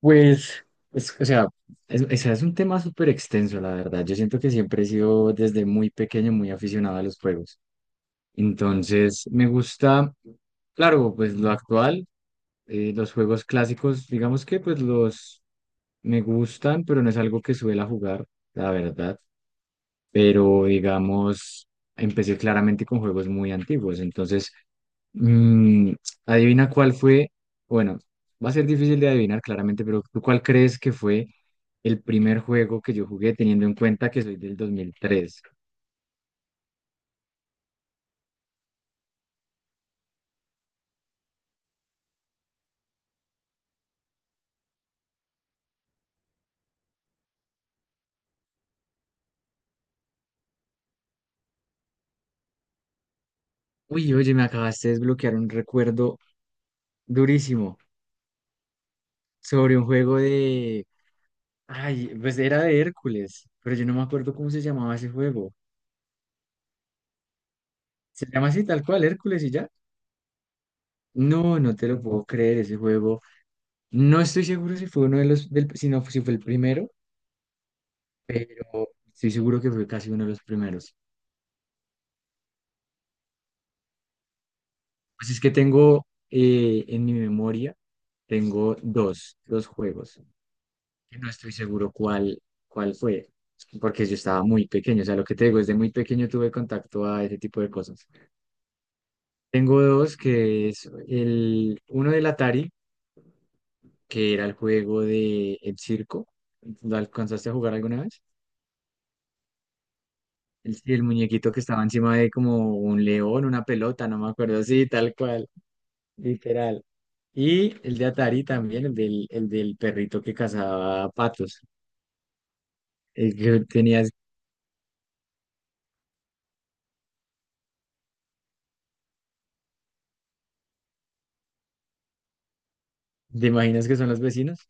Pues, es- o sea, es un tema súper extenso, la verdad. Yo siento que siempre he sido desde muy pequeño muy aficionado a los juegos. Entonces, me gusta, claro, pues lo actual, los juegos clásicos, digamos que pues los me gustan, pero no es algo que suela jugar, la verdad. Pero, digamos, empecé claramente con juegos muy antiguos. Entonces, Mm, adivina cuál fue, bueno, va a ser difícil de adivinar claramente, pero ¿tú cuál crees que fue el primer juego que yo jugué teniendo en cuenta que soy del 2003? Uy, oye, me acabaste de desbloquear un recuerdo durísimo sobre un juego de... Ay, pues era de Hércules, pero yo no me acuerdo cómo se llamaba ese juego. ¿Se llama así tal cual, Hércules y ya? No, no te lo puedo creer, ese juego. No estoy seguro si fue uno de los, del, si no, si fue el primero, pero estoy seguro que fue casi uno de los primeros. Pues es que tengo en mi memoria, tengo dos juegos, que no estoy seguro cuál fue, porque yo estaba muy pequeño, o sea, lo que te digo, desde muy pequeño tuve contacto a ese tipo de cosas. Tengo dos, que es el, uno del Atari, que era el juego de El Circo. ¿Lo alcanzaste a jugar alguna vez? El, sí, el muñequito que estaba encima de como un león, una pelota, no me acuerdo, sí, tal cual. Literal. Y el de Atari también, el del perrito que cazaba patos. El que tenías, ¿te imaginas que son los vecinos?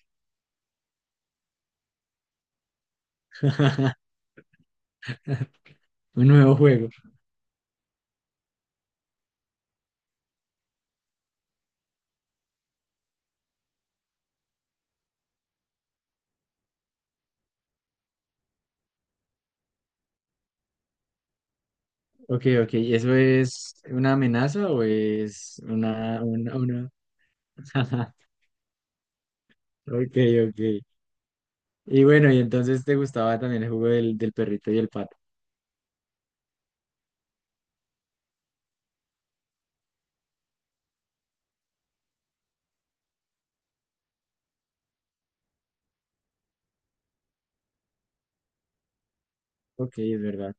Un nuevo juego. Ok, ok. ¿Y eso es una amenaza o es una? Ok, ok. Y bueno, y entonces te gustaba también el juego del perrito y el pato. Ok, es verdad.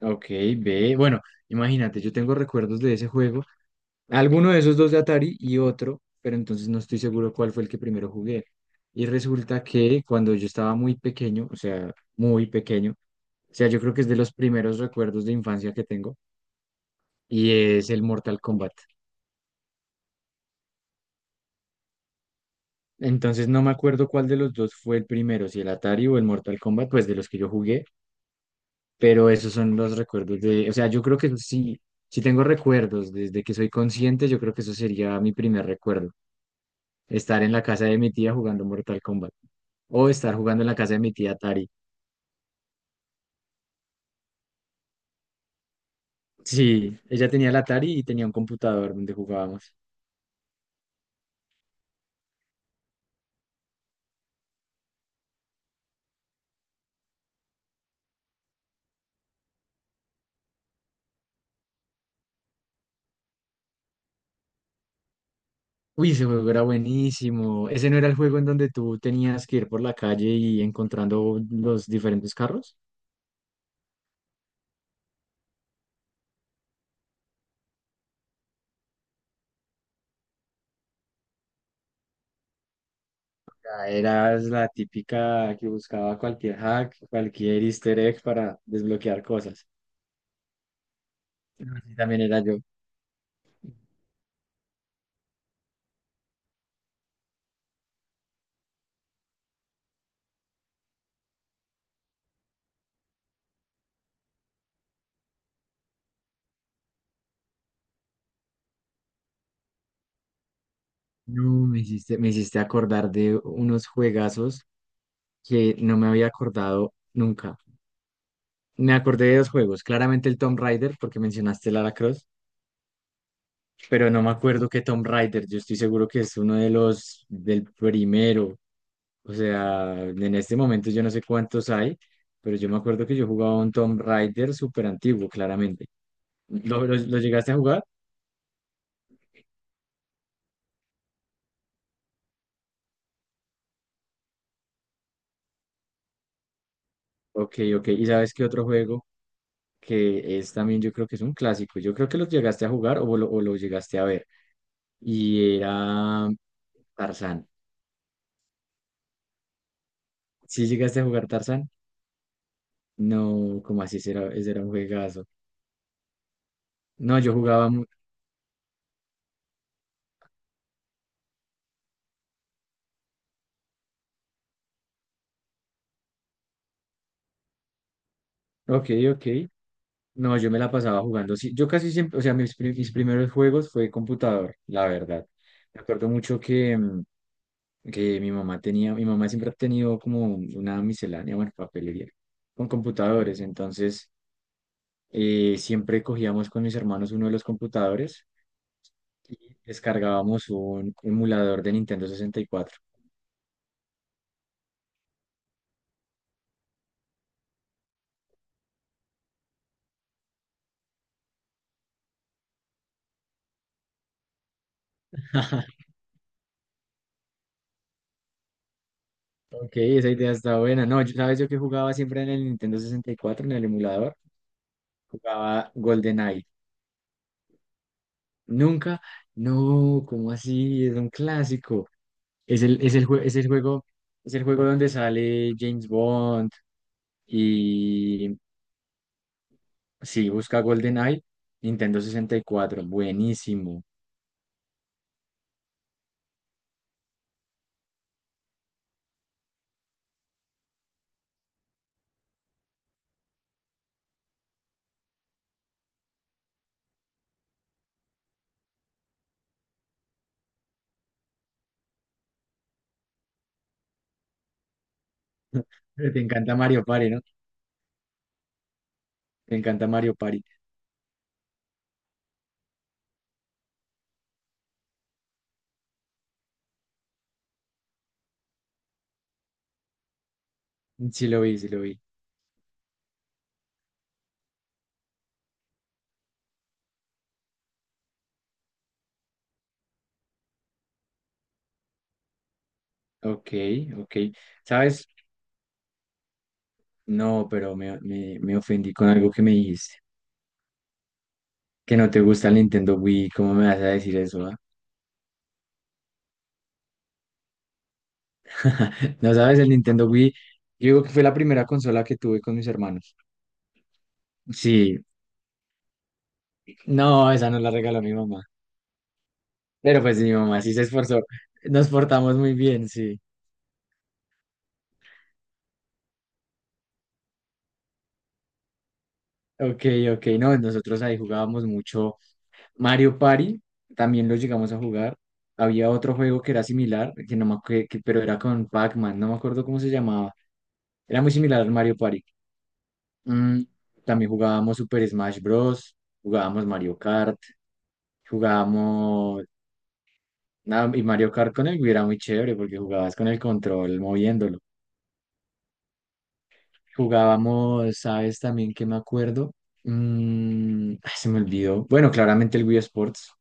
Ok, ve. Bueno, imagínate, yo tengo recuerdos de ese juego. Alguno de esos dos de Atari y otro, pero entonces no estoy seguro cuál fue el que primero jugué. Y resulta que cuando yo estaba muy pequeño, o sea, muy pequeño, o sea, yo creo que es de los primeros recuerdos de infancia que tengo, y es el Mortal Kombat. Entonces no me acuerdo cuál de los dos fue el primero, si el Atari o el Mortal Kombat, pues de los que yo jugué. Pero esos son los recuerdos de, o sea, yo creo que eso sí, sí tengo recuerdos desde que soy consciente, yo creo que eso sería mi primer recuerdo, estar en la casa de mi tía jugando Mortal Kombat o estar jugando en la casa de mi tía Atari. Sí, ella tenía la Atari y tenía un computador donde jugábamos. Uy, ese juego era buenísimo. ¿Ese no era el juego en donde tú tenías que ir por la calle y encontrando los diferentes carros? Ya eras la típica que buscaba cualquier hack, cualquier easter egg para desbloquear cosas. Así también era yo. No, me hiciste acordar de unos juegazos que no me había acordado nunca. Me acordé de dos juegos, claramente el Tomb Raider, porque mencionaste Lara Croft, pero no me acuerdo qué Tomb Raider, yo estoy seguro que es uno de los del primero. O sea, en este momento yo no sé cuántos hay, pero yo me acuerdo que yo jugaba un Tomb Raider súper antiguo, claramente. ¿Lo llegaste a jugar? Ok, ok. ¿Y sabes qué otro juego que es también, yo creo que es un clásico? Yo creo que lo llegaste a jugar o lo llegaste a ver. Y era Tarzán. Si llegaste a jugar Tarzán? No, como así? Ese era un juegazo. No, yo jugaba... Ok, ok. No, yo me la pasaba jugando. Sí, yo casi siempre, o sea, mis primeros juegos fue computador, la verdad. Me acuerdo mucho que, que mi mamá tenía, mi mamá siempre ha tenido como una miscelánea, bueno, papelería, con computadores. Entonces, siempre cogíamos con mis hermanos uno de los computadores y descargábamos un emulador de Nintendo sesenta y cuatro. Ok, esa idea está buena. No, yo, ¿sabes yo que jugaba siempre en el Nintendo 64, en el emulador? Jugaba GoldenEye. Nunca, no, ¿cómo así? Es un clásico. Es el, es el, jue- es el juego, es el juego donde sale James Bond y sí, busca GoldenEye, Nintendo 64, buenísimo. Pero te encanta Mario Party, ¿no? Te encanta Mario Party. Sí lo vi, sí lo vi. Ok, ok. ¿Sabes? No, pero me ofendí con algo que me dijiste. Que no te gusta el Nintendo Wii, ¿cómo me vas a decir eso? ¿Ah? No sabes, el Nintendo Wii, yo digo que fue la primera consola que tuve con mis hermanos. Sí, no, esa no la regaló mi mamá. Pero pues mi mamá sí se esforzó. Nos portamos muy bien, sí. Ok, ok, no, nosotros ahí jugábamos mucho Mario Party, también lo llegamos a jugar. Había otro juego que era similar, que no me acuerdo, pero era con Pac-Man, no me acuerdo cómo se llamaba. Era muy similar al Mario Party. Mm, también jugábamos Super Smash Bros. Jugábamos Mario Kart. Jugábamos. Nada, y Mario Kart con el era muy chévere porque jugabas con el control moviéndolo. Jugábamos, ¿sabes también que me acuerdo? Mm, ay, se me olvidó. Bueno, claramente el Wii Sports,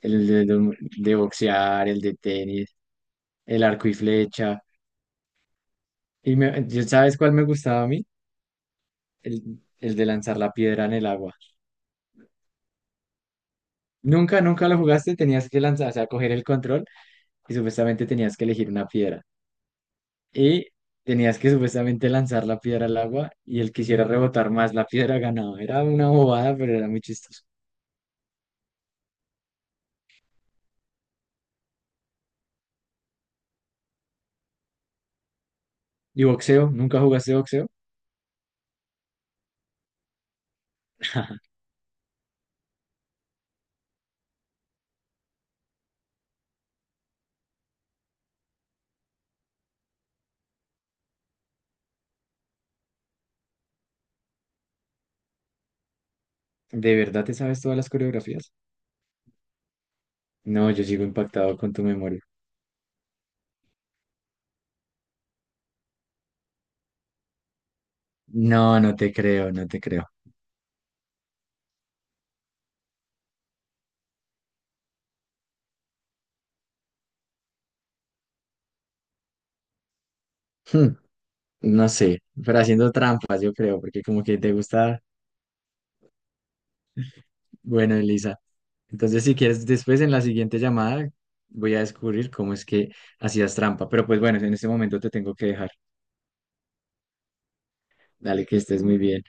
el de, de boxear, el de tenis, el arco y flecha. Y me- ¿y ¿sabes cuál me gustaba a mí? El de lanzar la piedra en el agua. Nunca, nunca lo jugaste, tenías que lanzar, o sea, coger el control y supuestamente tenías que elegir una piedra. Y tenías que supuestamente lanzar la piedra al agua y el que quisiera rebotar más la piedra ganaba. Era una bobada, pero era muy chistoso. ¿Y boxeo? ¿Nunca jugaste boxeo? ¿De verdad te sabes todas las coreografías? No, yo sigo impactado con tu memoria. No, no te creo, no te creo. Hmm, no sé, pero haciendo trampas, yo creo, porque como que te gusta. Bueno, Elisa, entonces si quieres, después en la siguiente llamada voy a descubrir cómo es que hacías trampa. Pero pues bueno, en este momento te tengo que dejar. Dale, que estés muy bien.